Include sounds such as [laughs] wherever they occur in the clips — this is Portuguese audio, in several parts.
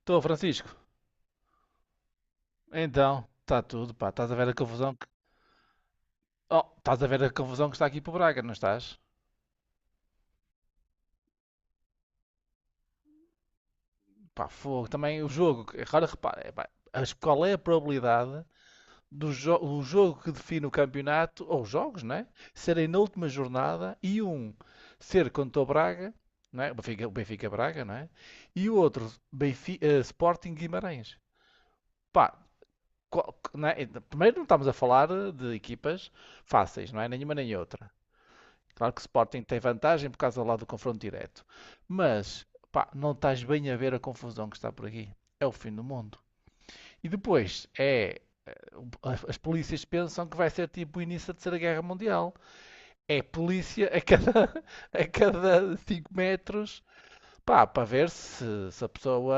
Estou, Francisco. Então, está tudo, pá. Estás a ver a confusão que. Oh, estás a ver a confusão que está aqui para o Braga, não estás? Pá, fogo. Também o jogo. Agora repara, pá, qual é a probabilidade o jogo que define o campeonato, ou os jogos, né? Serem na última jornada e um ser contra o Braga, não é? O Benfica Braga, não é? E o outro, Sporting Guimarães. Pá, qual- não é? Primeiro não estamos a falar de equipas fáceis, não é? Nenhuma nem outra. Claro que o Sporting tem vantagem por causa lá do confronto direto. Mas, pá, não estás bem a ver a confusão que está por aqui. É o fim do mundo. E depois, é... As polícias pensam que vai ser tipo o início da Terceira Guerra Mundial. É polícia a cada, 5 metros, pá, para ver se a pessoa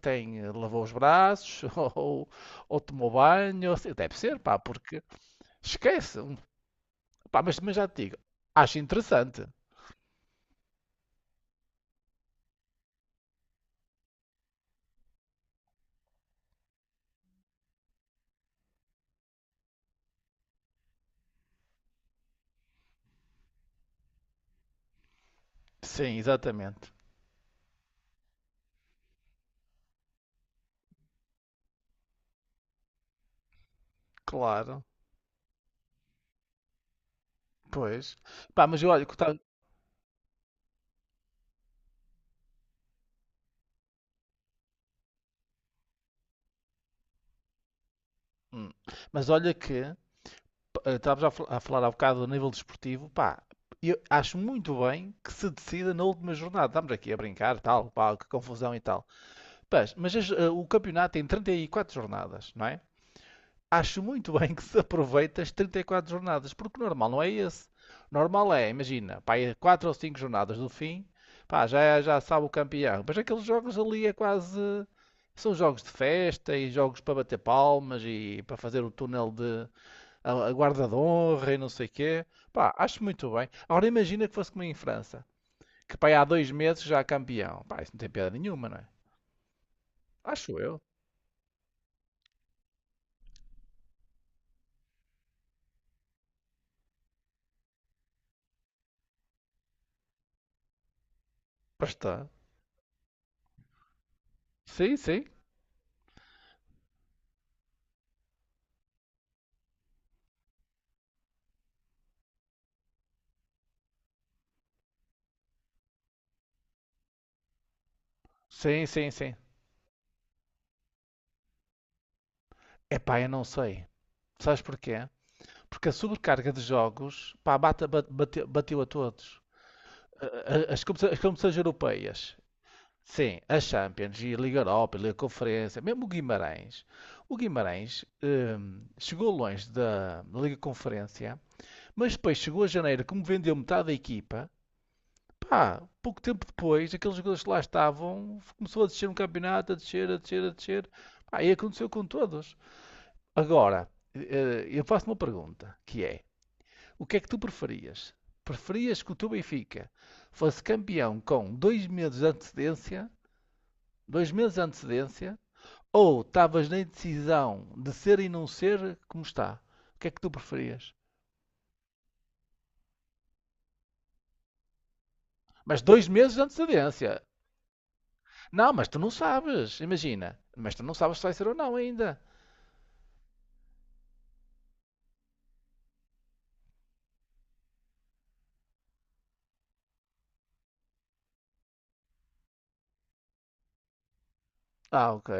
tem, lavou os braços [laughs] ou, ou tomou banho. Ou deve ser, pá, porque esquece. Pá, mas já te digo, acho interessante. Sim, exatamente. Claro, pois. Pá, mas eu olho que tá- Hum. Mas olha que estavas a falar há bocado do nível desportivo, pá, eu acho muito bem que se decida na última jornada. Estamos aqui a brincar, tal, pá, que confusão e tal. Pás, mas o campeonato tem 34 jornadas, não é? Acho muito bem que se aproveite as 34 jornadas, porque o normal não é esse. Normal é, imagina, pá, é 4 ou 5 jornadas do fim, pá, já sabe o campeão. Mas aqueles jogos ali é quase. São jogos de festa e jogos para bater palmas e para fazer o túnel de a guarda de honra e não sei o quê. Pá, acho muito bem. Agora imagina que fosse como em França, que pá, há 2 meses já há campeão. Pá, isso não tem piada nenhuma, não é? Acho eu. Bastante. Sim, sim. Sim, sim, sim. Epá, eu não sei. Sabes porquê? Porque a sobrecarga de jogos, pá, bateu a todos. As competições europeias, sim, a Champions e a Liga Europa, a Liga Conferência, mesmo o Guimarães. O Guimarães chegou longe da Liga Conferência, mas depois chegou a janeiro, como vendeu metade da equipa, pá, pouco tempo depois, aqueles jogadores que lá estavam, começou a descer no campeonato, a descer, a descer, a descer. Pá, e aconteceu com todos. Agora, eu faço uma pergunta, que é: o que é que tu preferias? Preferias que o teu Benfica fosse campeão com 2 meses de antecedência, 2 meses de antecedência, ou estavas na indecisão de ser e não ser como está? O que é que tu preferias? Mas 2 meses de antecedência. Não, mas tu não sabes, imagina. Mas tu não sabes se vai ser ou não ainda. Ah, ok.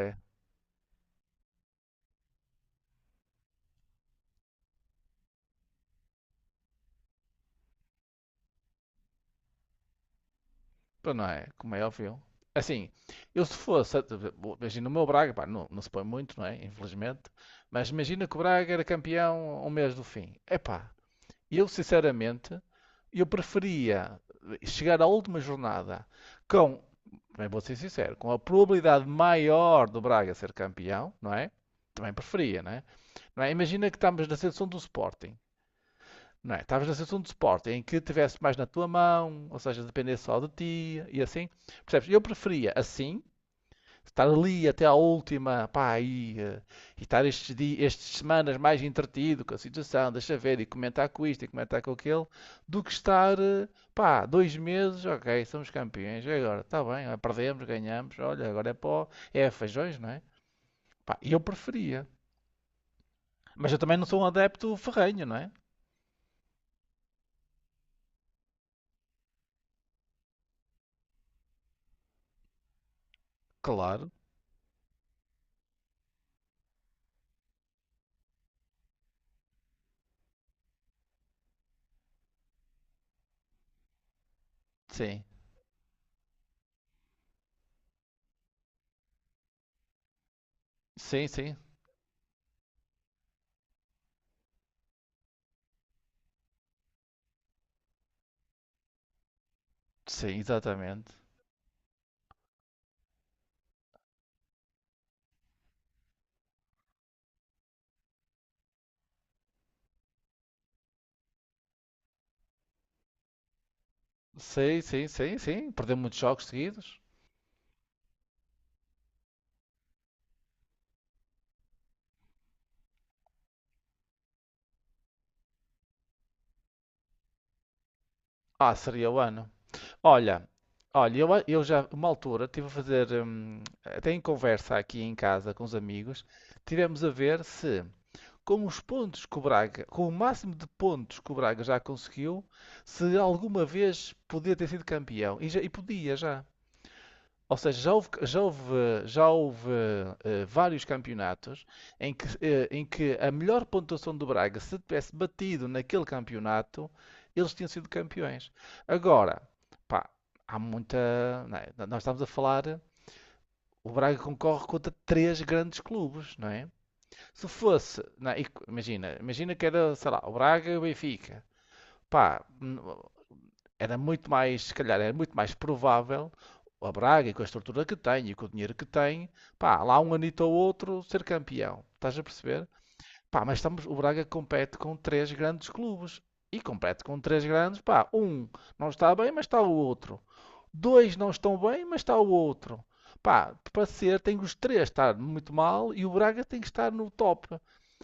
Para, não é, como é óbvio. Assim, eu se fosse, imagina o meu Braga, pá, não, não se põe muito, não é? Infelizmente. Mas imagina que o Braga era campeão um mês do fim. Epá, eu, sinceramente, eu preferia chegar à última jornada com, também vou ser sincero, com a probabilidade maior do Braga ser campeão, não é? Também preferia, não é? Não é? Imagina que estamos na seleção do Sporting, não é? Estavas na seleção do Sporting em que tivesse mais na tua mão, ou seja, dependesse só de ti e assim. Percebes? Eu preferia assim estar ali até à última, pá, e estar estes dias, estas semanas mais entretido com a situação, deixa ver, e comentar com isto, e comentar com aquele, do que estar, pá, 2 meses, ok, somos campeões, e agora, está bem, ah, perdemos, ganhamos, olha, agora é pó, é feijões, não é? Pá, eu preferia. Mas eu também não sou um adepto ferrenho, não é? Claro, sim, sim, sim, sim, exatamente. Sim, sim, sim, sim, perder muitos jogos seguidos. Ah, seria o ano. Olha, olha, eu já, uma altura, estive a fazer, até em conversa aqui em casa com os amigos, tivemos a ver se, com os pontos que o Braga, com o máximo de pontos que o Braga já conseguiu, se alguma vez podia ter sido campeão. E, já, e podia já. Ou seja, já houve, já houve, já houve vários campeonatos em que, a melhor pontuação do Braga, se tivesse batido naquele campeonato, eles tinham sido campeões. Agora, pá, há muita, não é? Nós estamos a falar. O Braga concorre contra três grandes clubes, não é? Se fosse, não é? Imagina, imagina que era, sei lá, o Braga e o Benfica. Pá, era muito mais, se calhar, era muito mais provável a Braga, e com a estrutura que tem e com o dinheiro que tem, pá, lá um anito ou outro ser campeão. Estás a perceber? Pá, mas estamos, o Braga compete com três grandes clubes. E compete com três grandes, pá, um não está bem, mas está o outro. Dois não estão bem, mas está o outro. Pá, para ser, tem que os três estar muito mal e o Braga tem que estar no top.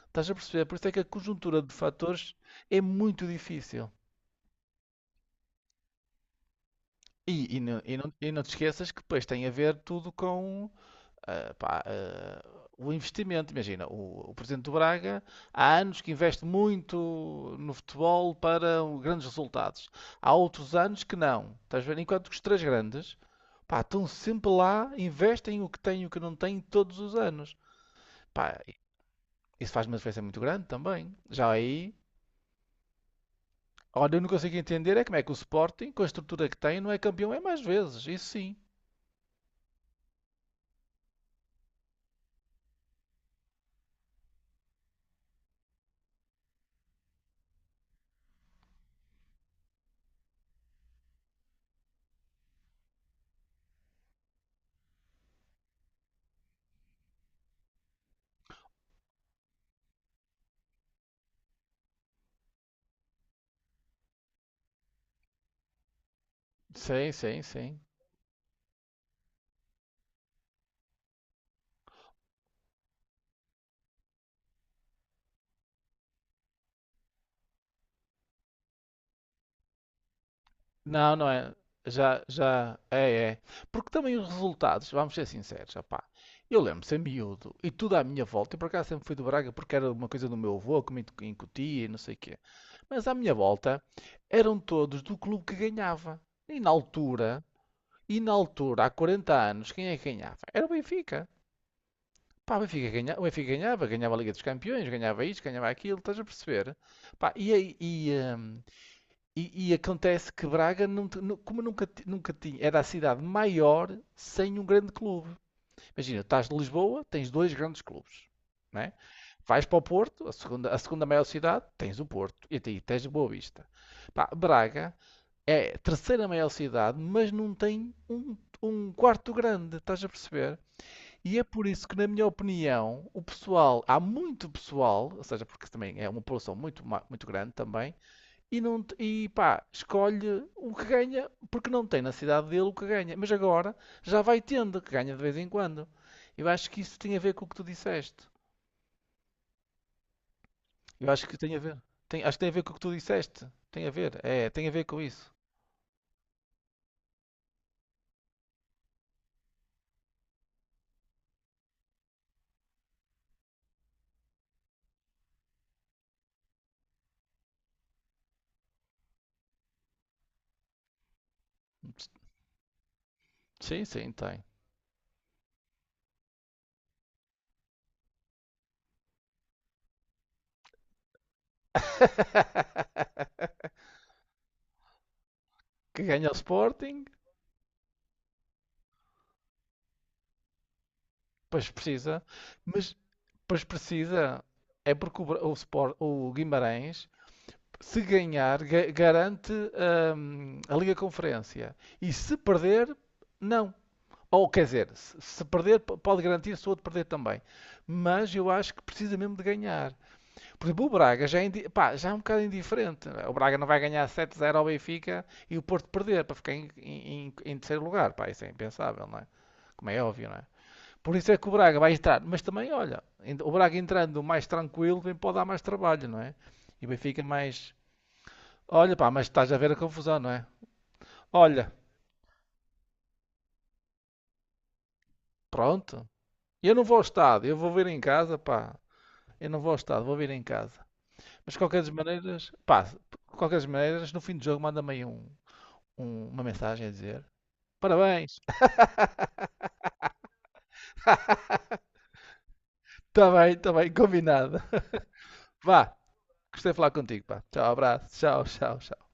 Estás a perceber? Por isso é que a conjuntura de fatores é muito difícil. E, não, e, não, e não te esqueças que depois tem a ver tudo com ah, pá, ah, o investimento. Imagina, o presidente do Braga há anos que investe muito no futebol para grandes resultados. Há outros anos que não. Estás a ver? Enquanto que os três grandes, pá, estão sempre lá, investem o que têm e o que não têm todos os anos. Pá, isso faz uma diferença muito grande também. Já aí, olha, eu não consigo entender é como é que o Sporting, com a estrutura que tem, não é campeão é mais vezes. Isso sim. Sim, sim, sim. Não, não é. Já, já, é, é. Porque também os resultados, vamos ser sinceros, opá. Eu lembro-me ser miúdo e tudo à minha volta. Eu por acaso sempre fui do Braga porque era uma coisa do meu avô que me incutia e não sei o quê. Mas à minha volta eram todos do clube que ganhava. E na altura, e na altura, há 40 anos, quem é que ganhava? Era o Benfica. Pá, o Benfica ganhava, ganhava a Liga dos Campeões, ganhava isto, ganhava aquilo, estás a perceber? Pá, e acontece que Braga, como nunca, nunca tinha, era a cidade maior sem um grande clube. Imagina, estás de Lisboa, tens dois grandes clubes, né? Vais para o Porto, a segunda maior cidade, tens o Porto e aí tens Boa Vista. Pá, Braga é a terceira maior cidade, mas não tem um quarto grande, estás a perceber? E é por isso que, na minha opinião, o pessoal, há muito pessoal, ou seja, porque também é uma população muito, muito grande também, e, não, e pá, escolhe o que ganha, porque não tem na cidade dele o que ganha. Mas agora já vai tendo, que ganha de vez em quando. Eu acho que isso tem a ver com o que tu disseste. Eu acho que tem a ver. Tem, acho que tem a ver com o que tu disseste. Tem a ver, é, tem a ver com isso. Sim, sim, tem. [laughs] Que ganha o Sporting, pois precisa, mas pois precisa. É porque o, Bra- o, Sport, o Guimarães se ganhar, garante a Liga Conferência. E se perder, não. Ou quer dizer, se perder, pode garantir se o outro perder também. Mas eu acho que precisa mesmo de ganhar. Por exemplo, o Braga já é, pá, já é um bocado indiferente. O Braga não vai ganhar 7-0 ao Benfica e o Porto perder para ficar em terceiro lugar. Pá, isso é impensável, não é? Como é óbvio, não é? Por isso é que o Braga vai entrar. Mas também, olha, o Braga entrando mais tranquilo também pode dar mais trabalho, não é? E o Benfica mais. Olha, pá, mas estás a ver a confusão, não é? Olha, pronto. Eu não vou ao estado, eu vou vir em casa, pá. Eu não vou ao estado, vou vir em casa. Mas de qualquer das maneiras, pá, de qualquer das maneiras, no fim do jogo manda-me aí uma mensagem a dizer: parabéns, está bem, combinado. [laughs] Vá, gostei de falar contigo, pá. Tchau, abraço, tchau, tchau, tchau.